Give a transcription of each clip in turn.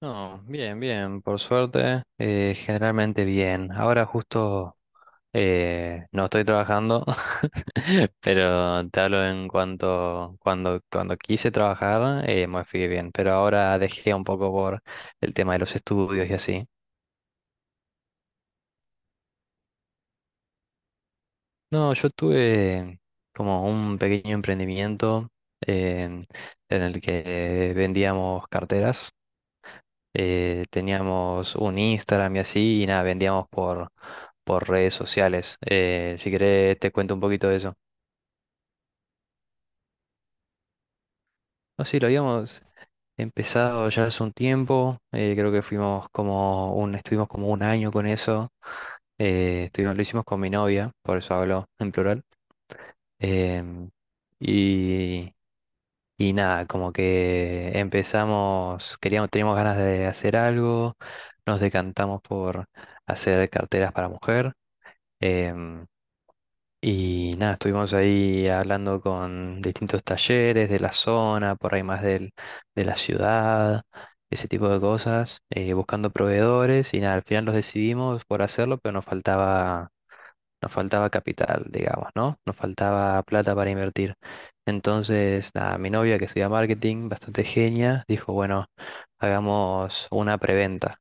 No, bien, bien, por suerte, generalmente bien. Ahora justo no estoy trabajando, pero te hablo en cuanto cuando quise trabajar, me fui bien, pero ahora dejé un poco por el tema de los estudios y así. No, yo tuve como un pequeño emprendimiento, eh, en el que vendíamos carteras, teníamos un Instagram y así, y nada, vendíamos por redes sociales. Si querés, te cuento un poquito de eso. No, sí, lo habíamos empezado ya hace un tiempo, creo que fuimos como un, estuvimos como un año con eso, estuvimos, lo hicimos con mi novia, por eso hablo en plural. em, y, y nada, como que empezamos, queríamos, teníamos ganas de hacer algo, nos decantamos por hacer carteras para mujer. Em, y nada, estuvimos ahí hablando con distintos talleres de la zona, por ahí más de la ciudad, ese tipo de cosas, buscando proveedores y nada, al final los decidimos por hacerlo, pero nos faltaba capital, digamos, ¿no? Nos faltaba plata para invertir. Entonces, nada, mi novia, que estudia marketing, bastante genia, dijo, bueno, hagamos una preventa.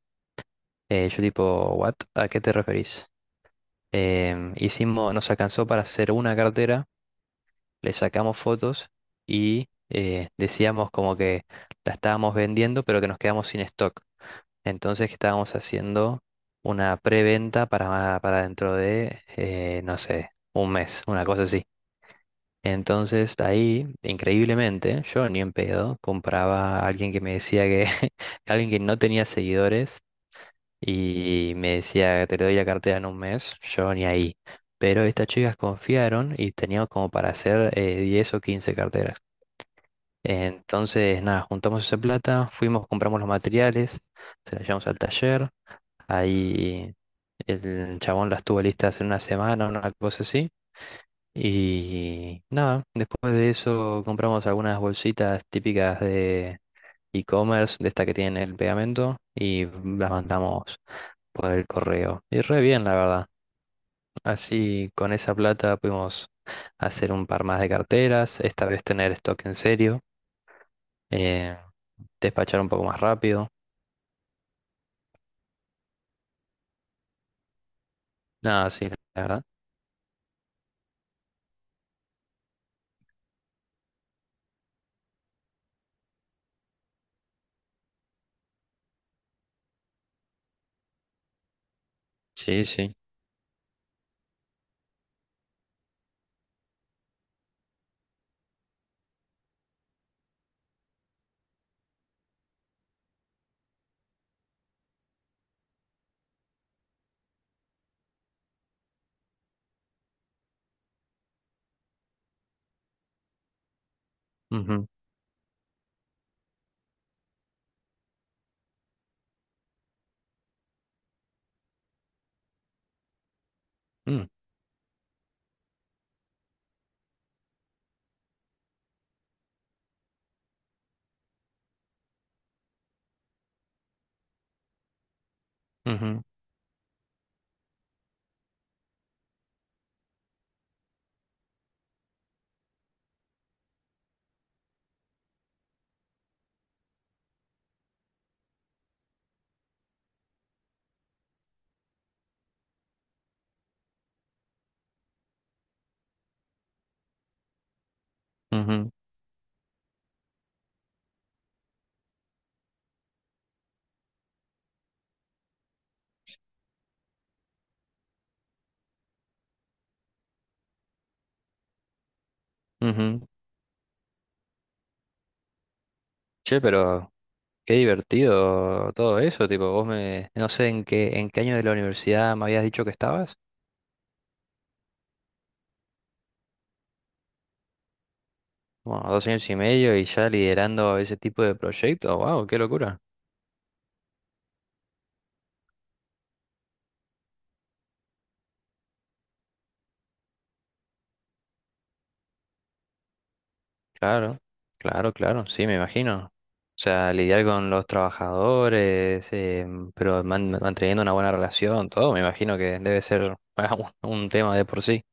Yo tipo, ¿what? ¿A qué te referís? Hicimos, nos alcanzó para hacer una cartera, le sacamos fotos y decíamos como que la estábamos vendiendo, pero que nos quedamos sin stock. Entonces que estábamos haciendo una preventa para dentro de, no sé, un mes, una cosa así. Entonces ahí, increíblemente, yo ni en pedo compraba a alguien que me decía que, alguien que no tenía seguidores y me decía, te doy la cartera en un mes, yo ni ahí. Pero estas chicas confiaron y teníamos como para hacer 10 o 15 carteras. Entonces, nada, juntamos esa plata, fuimos, compramos los materiales, se las llevamos al taller. Ahí el chabón las tuvo listas en una semana, una cosa así. Y nada, después de eso compramos algunas bolsitas típicas de e-commerce, de esta que tienen el pegamento, y las mandamos por el correo. Y re bien, la verdad. Así con esa plata pudimos hacer un par más de carteras, esta vez tener stock en serio, eh, despachar un poco más rápido. Nada, sí, la verdad. Sí, sí. Ujú, mm, ujú, ujú, ujú. Che, pero qué divertido todo eso, tipo, vos me, no sé en qué, ¿en qué año de la universidad me habías dicho que estabas? Bueno, dos años y medio y ya liderando ese tipo de proyectos, wow, qué locura. Claro, claro, claro, sí, me imagino. O sea, lidiar con los trabajadores, pero manteniendo una buena relación, todo, me imagino que debe ser bueno, un tema de por sí.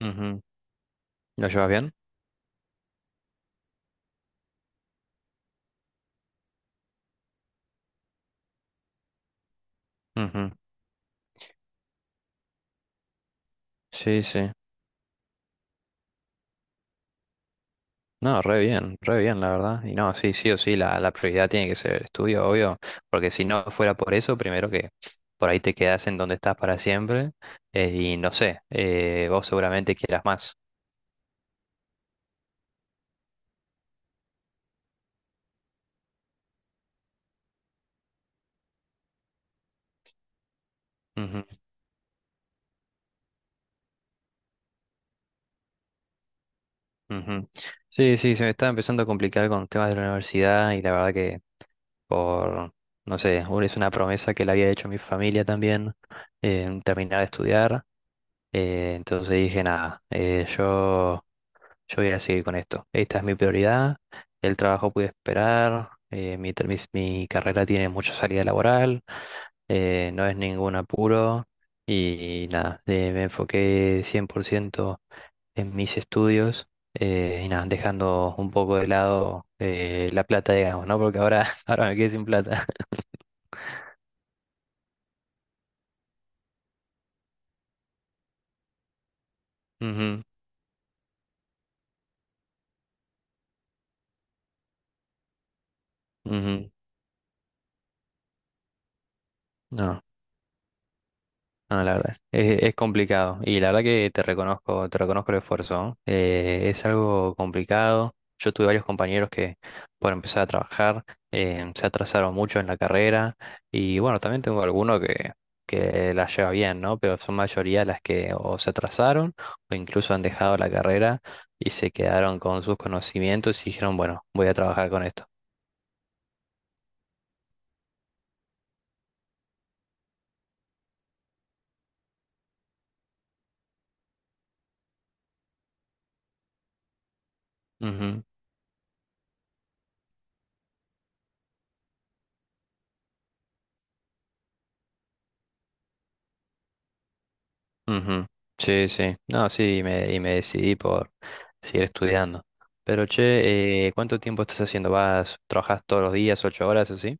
Ujú. ¿Lo llevas bien? Ujú. Sí, sí. No, re bien, la verdad. Y no, sí, sí o sí, la prioridad tiene que ser el estudio, obvio, porque si no fuera por eso, primero que por ahí te quedas en donde estás para siempre, y no sé, vos seguramente quieras más. Ujú. Sí, sí, se me estaba empezando a complicar con temas de la universidad y la verdad que por, no sé, es una promesa que le había hecho a mi familia también, terminar de estudiar. Entonces dije, nada, yo voy a seguir con esto. Esta es mi prioridad, el trabajo puede esperar, mi carrera tiene mucha salida laboral, no es ningún apuro y nada, me enfoqué 100% en mis estudios, y nada, dejando un poco de lado la plata, digamos, ¿no? Porque ahora, ahora me quedé sin plata. Ujú, ujú. No. No, la verdad, es complicado y la verdad que te reconozco el esfuerzo, ¿no? Es algo complicado. Yo tuve varios compañeros que por empezar a trabajar se atrasaron mucho en la carrera y bueno, también tengo alguno que la lleva bien, ¿no? Pero son mayoría las que o se atrasaron o incluso han dejado la carrera y se quedaron con sus conocimientos y dijeron, bueno, voy a trabajar con esto. Ujú. Ujú. Sí, sí. No, sí, y me decidí por seguir estudiando. Pero che, ¿cuánto tiempo estás haciendo? ¿Vas, trabajas todos los días, 8 horas así?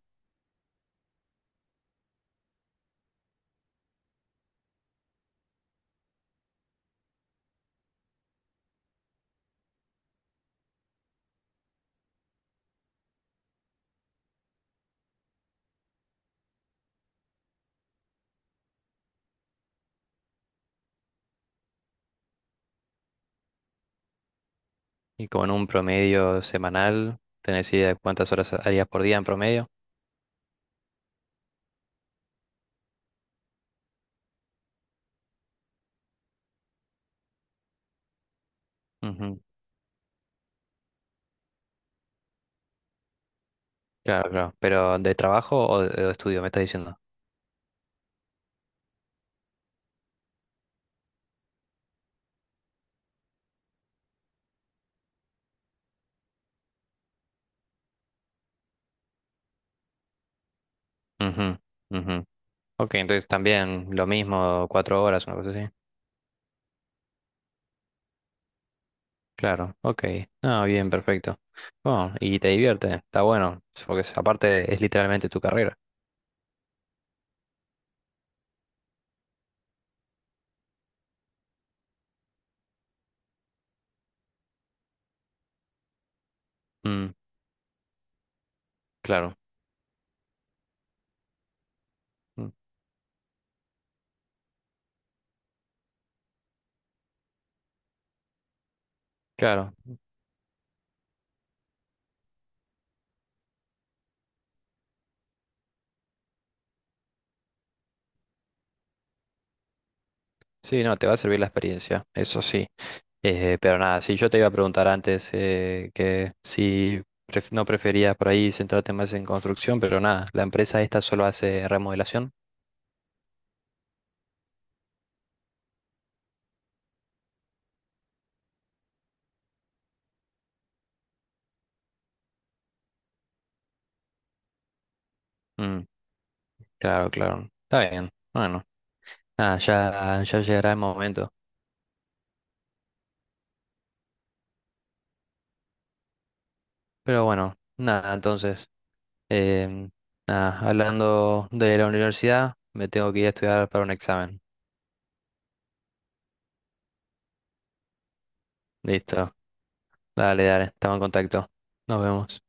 Y con un promedio semanal, ¿tenés idea de cuántas horas harías por día en promedio? Ujú. Claro, claro. ¿Pero de trabajo o de estudio, me estás diciendo? Ujú, ujú. Ok, entonces también lo mismo, 4 horas, una cosa así. Claro, ok. Ah, bien, perfecto. Bueno, y te divierte, está bueno, porque aparte es literalmente tu carrera. Claro, mm, claro. Sí, no, te va a servir la experiencia, eso sí. Pero nada, si yo te iba a preguntar antes que si no preferías por ahí centrarte más en construcción, pero nada, la empresa esta solo hace remodelación. Mm, claro, claro. Está bien. Bueno, nada, ya, ya llegará el momento. Pero bueno, nada, entonces, em, nada, hablando de la universidad, me tengo que ir a estudiar para un examen. Listo. Dale, dale, estamos en contacto. Nos vemos.